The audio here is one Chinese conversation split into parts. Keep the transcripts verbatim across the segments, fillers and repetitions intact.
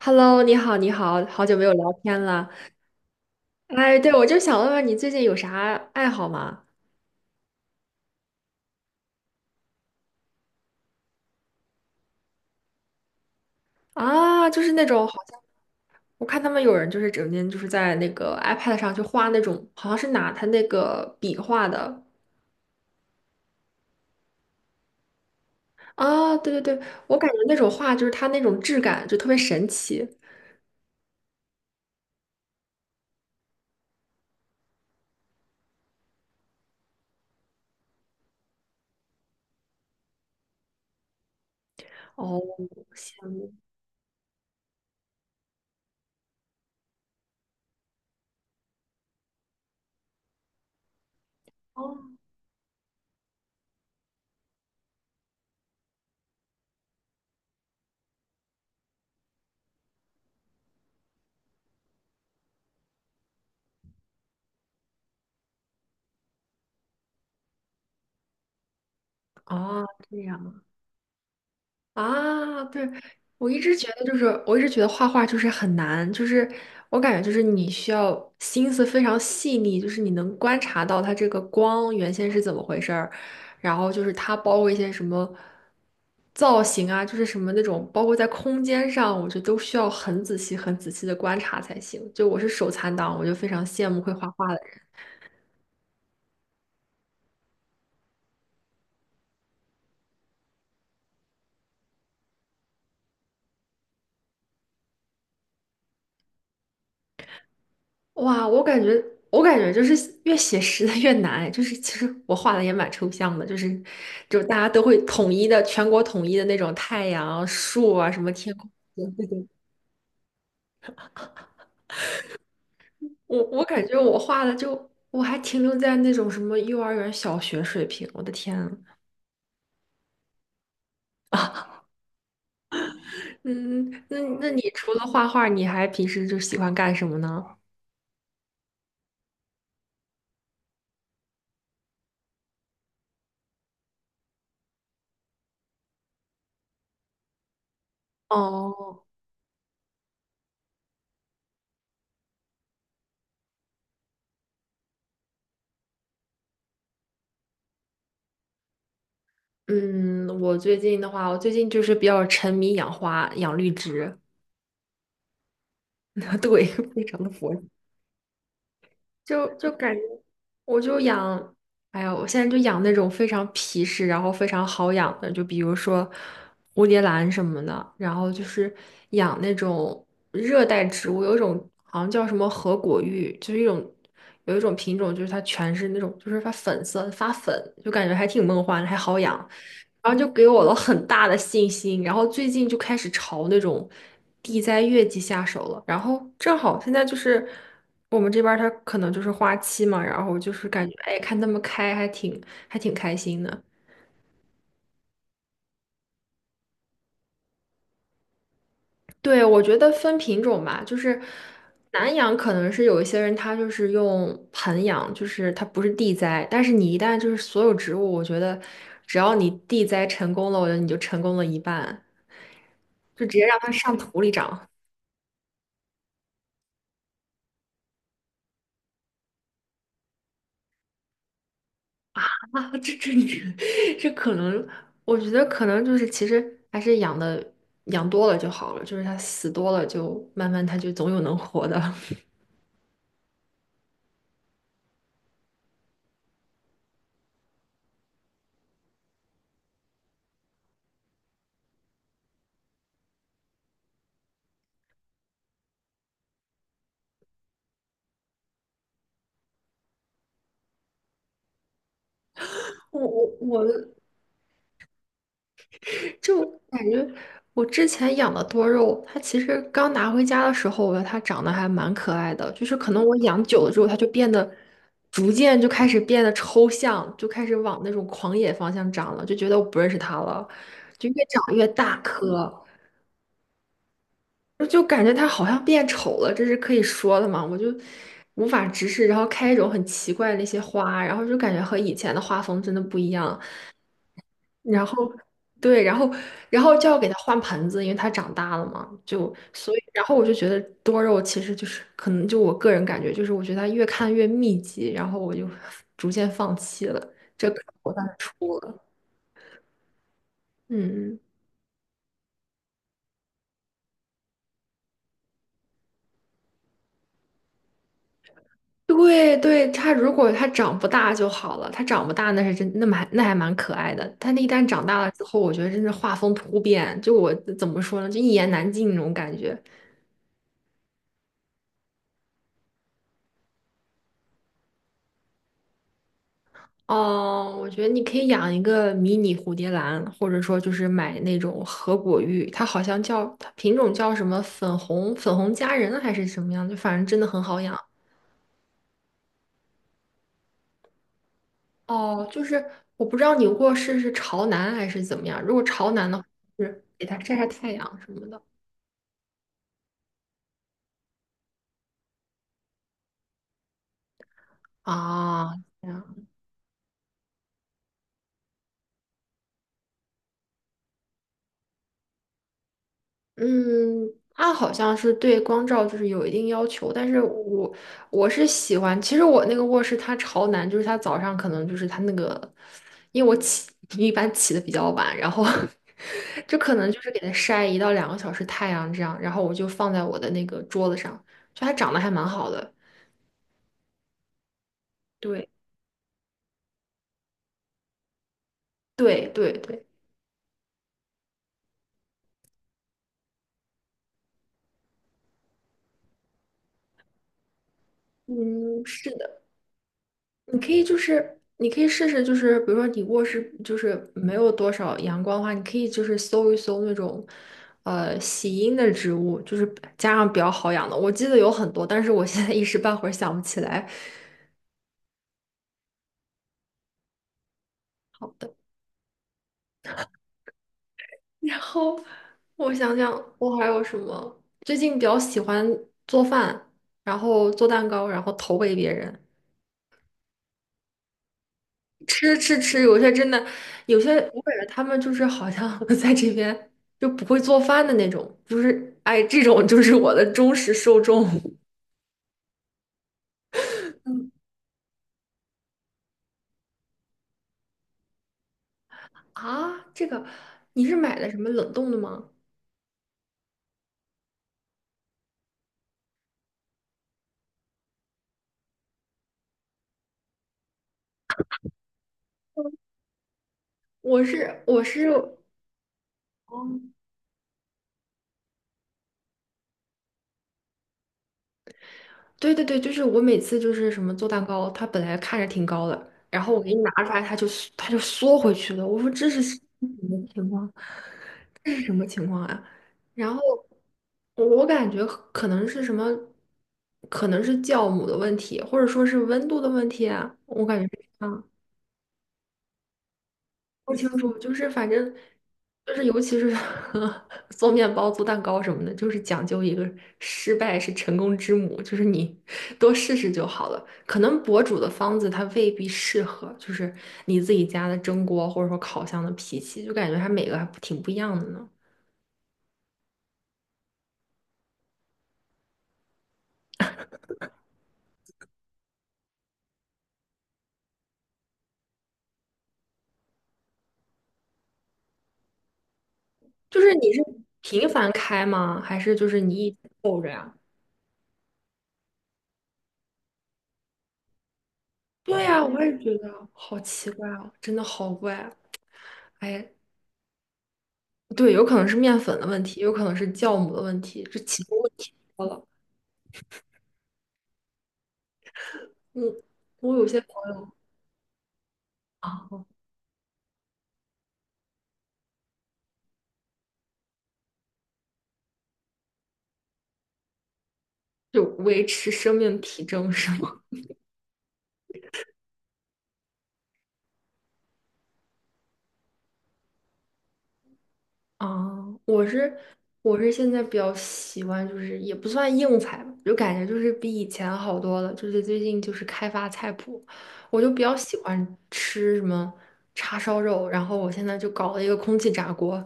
Hello，你好，你好，好久没有聊天了。哎，对，我就想问问你最近有啥爱好吗？啊，就是那种好像我看他们有人就是整天就是在那个 iPad 上去画那种，好像是拿他那个笔画的。啊，对对对，我感觉那种画就是它那种质感就特别神奇。哦，羡慕哦，哦，这样。啊，对，我一直觉得就是，我一直觉得画画就是很难，就是我感觉就是你需要心思非常细腻，就是你能观察到它这个光原先是怎么回事儿，然后就是它包括一些什么造型啊，就是什么那种包括在空间上，我觉得都需要很仔细、很仔细的观察才行。就我是手残党，我就非常羡慕会画画的。哇，我感觉，我感觉就是越写实的越难，就是其实我画的也蛮抽象的，就是，就大家都会统一的，全国统一的那种太阳、树啊，什么天空，这种。我我感觉我画的就我还停留在那种什么幼儿园、小学水平，我的天啊。嗯，那那你除了画画，你还平时就喜欢干什么呢？哦，嗯，我最近的话，我最近就是比较沉迷养花、养绿植，对，非常的佛，就就感觉我就养，哎呀，我现在就养那种非常皮实，然后非常好养的，就比如说蝴蝶兰什么的，然后就是养那种热带植物，有一种好像叫什么合果芋，就是一种有一种品种，就是它全是那种，就是发粉色发粉，就感觉还挺梦幻的，还好养。然后就给我了很大的信心，然后最近就开始朝那种地栽月季下手了。然后正好现在就是我们这边儿它可能就是花期嘛，然后就是感觉哎看它们开还挺还挺开心的。对，我觉得分品种吧，就是南养可能是有一些人他就是用盆养，就是它不是地栽，但是你一旦就是所有植物，我觉得只要你地栽成功了，我觉得你就成功了一半，就直接让它上土里长。啊，这这你 这可能，我觉得可能就是其实还是养的养多了就好了，就是它死多了就慢慢它就总有能活的。我我我就感觉我之前养的多肉，它其实刚拿回家的时候，我觉得它长得还蛮可爱的，就是可能我养久了之后，它就变得逐渐就开始变得抽象，就开始往那种狂野方向长了，就觉得我不认识它了，就越长越大颗。就感觉它好像变丑了，这是可以说的吗？我就无法直视，然后开一种很奇怪的那些花，然后就感觉和以前的画风真的不一样。然后，对，然后，然后就要给它换盆子，因为它长大了嘛，就所以，然后我就觉得多肉其实就是可能就我个人感觉，就是我觉得它越看越密集，然后我就逐渐放弃了，这可能我算是出了。嗯。嗯对对，它如果它长不大就好了，它长不大那是真，那么还那还蛮可爱的。它那一旦长大了之后，我觉得真是画风突变，就我怎么说呢，就一言难尽那种感觉。哦，我觉得你可以养一个迷你蝴蝶兰，或者说就是买那种合果玉，它好像叫它品种叫什么粉红粉红佳人还是什么样，就反正真的很好养。哦，就是我不知道你卧室是朝南还是怎么样，如果朝南的话，就是给它晒晒太阳什么的。啊，这样，嗯，它好像是对光照就是有一定要求，但是我我是喜欢，其实我那个卧室它朝南，就是它早上可能就是它那个，因为我起 一般起的比较晚，然后 就可能就是给它晒一到两个小时太阳这样，然后我就放在我的那个桌子上，就它长得还蛮好的，对对对对，嗯，是的。你可以就是，你可以试试，就是比如说你卧室就是没有多少阳光的话，你可以就是搜一搜那种，呃，喜阴的植物，就是加上比较好养的。我记得有很多，但是我现在一时半会儿想不起来。好的，然后我想想，我还有什么？最近比较喜欢做饭，然后做蛋糕，然后投喂别人。吃吃吃，有些真的，有些我感觉他们就是好像 在这边就不会做饭的那种，就是哎，这种就是我的忠实受众。嗯啊，这个你是买的什么冷冻的吗？我是我是，哦，对对对，就是我每次就是什么做蛋糕，它本来看着挺高的，然后我给你拿出来，它就缩它就缩回去了。我说这是什么情况？什么情况啊？然后我我感觉可能是什么，可能是酵母的问题，或者说是温度的问题啊，我感觉是这样不清楚。就是反正就是尤其是 做面包、做蛋糕什么的，就是讲究一个失败是成功之母，就是你多试试就好了。可能博主的方子它未必适合，就是你自己家的蒸锅或者说烤箱的脾气，就感觉它每个还挺不一样的呢。就是你是频繁开吗？还是就是你一直凑着呀？对呀，我也觉得好奇怪哦，真的好怪啊。哎，对，有可能是面粉的问题，有可能是酵母的问题，这其中问题多了。嗯，我有些朋友啊，就维持生命体征是吗？啊，我是我是现在比较喜欢，就是也不算硬菜吧，就感觉就是比以前好多了。就是最近就是开发菜谱，我就比较喜欢吃什么叉烧肉，然后我现在就搞了一个空气炸锅，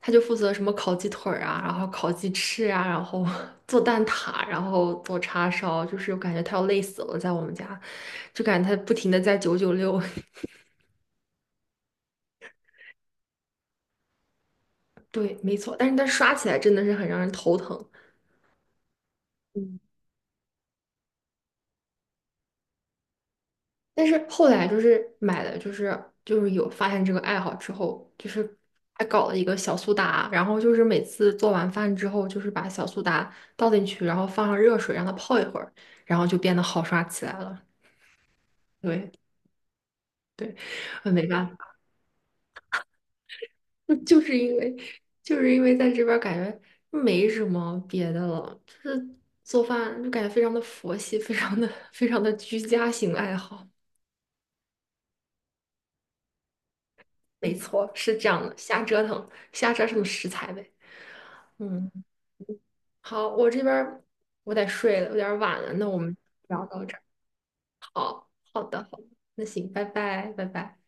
他就负责什么烤鸡腿儿啊，然后烤鸡翅啊，然后 做蛋挞，然后做叉烧，就是我感觉他要累死了，在我们家，就感觉他不停的在九九六，对，没错，但是他刷起来真的是很让人头疼。嗯但是后来就是买了，就是就是有发现这个爱好之后，就是还搞了一个小苏打，然后就是每次做完饭之后，就是把小苏打倒进去，然后放上热水让它泡一会儿，然后就变得好刷起来了。对对，呃没办法，就是因为就是因为在这边儿感觉没什么别的了，就是做饭就感觉非常的佛系，非常的非常的居家型爱好。没错，是这样的，瞎折腾，瞎折腾食材呗。嗯。好，我这边儿我得睡了，有点儿晚了，那我们聊到这儿。好，好的，好的，那行，拜拜，拜拜。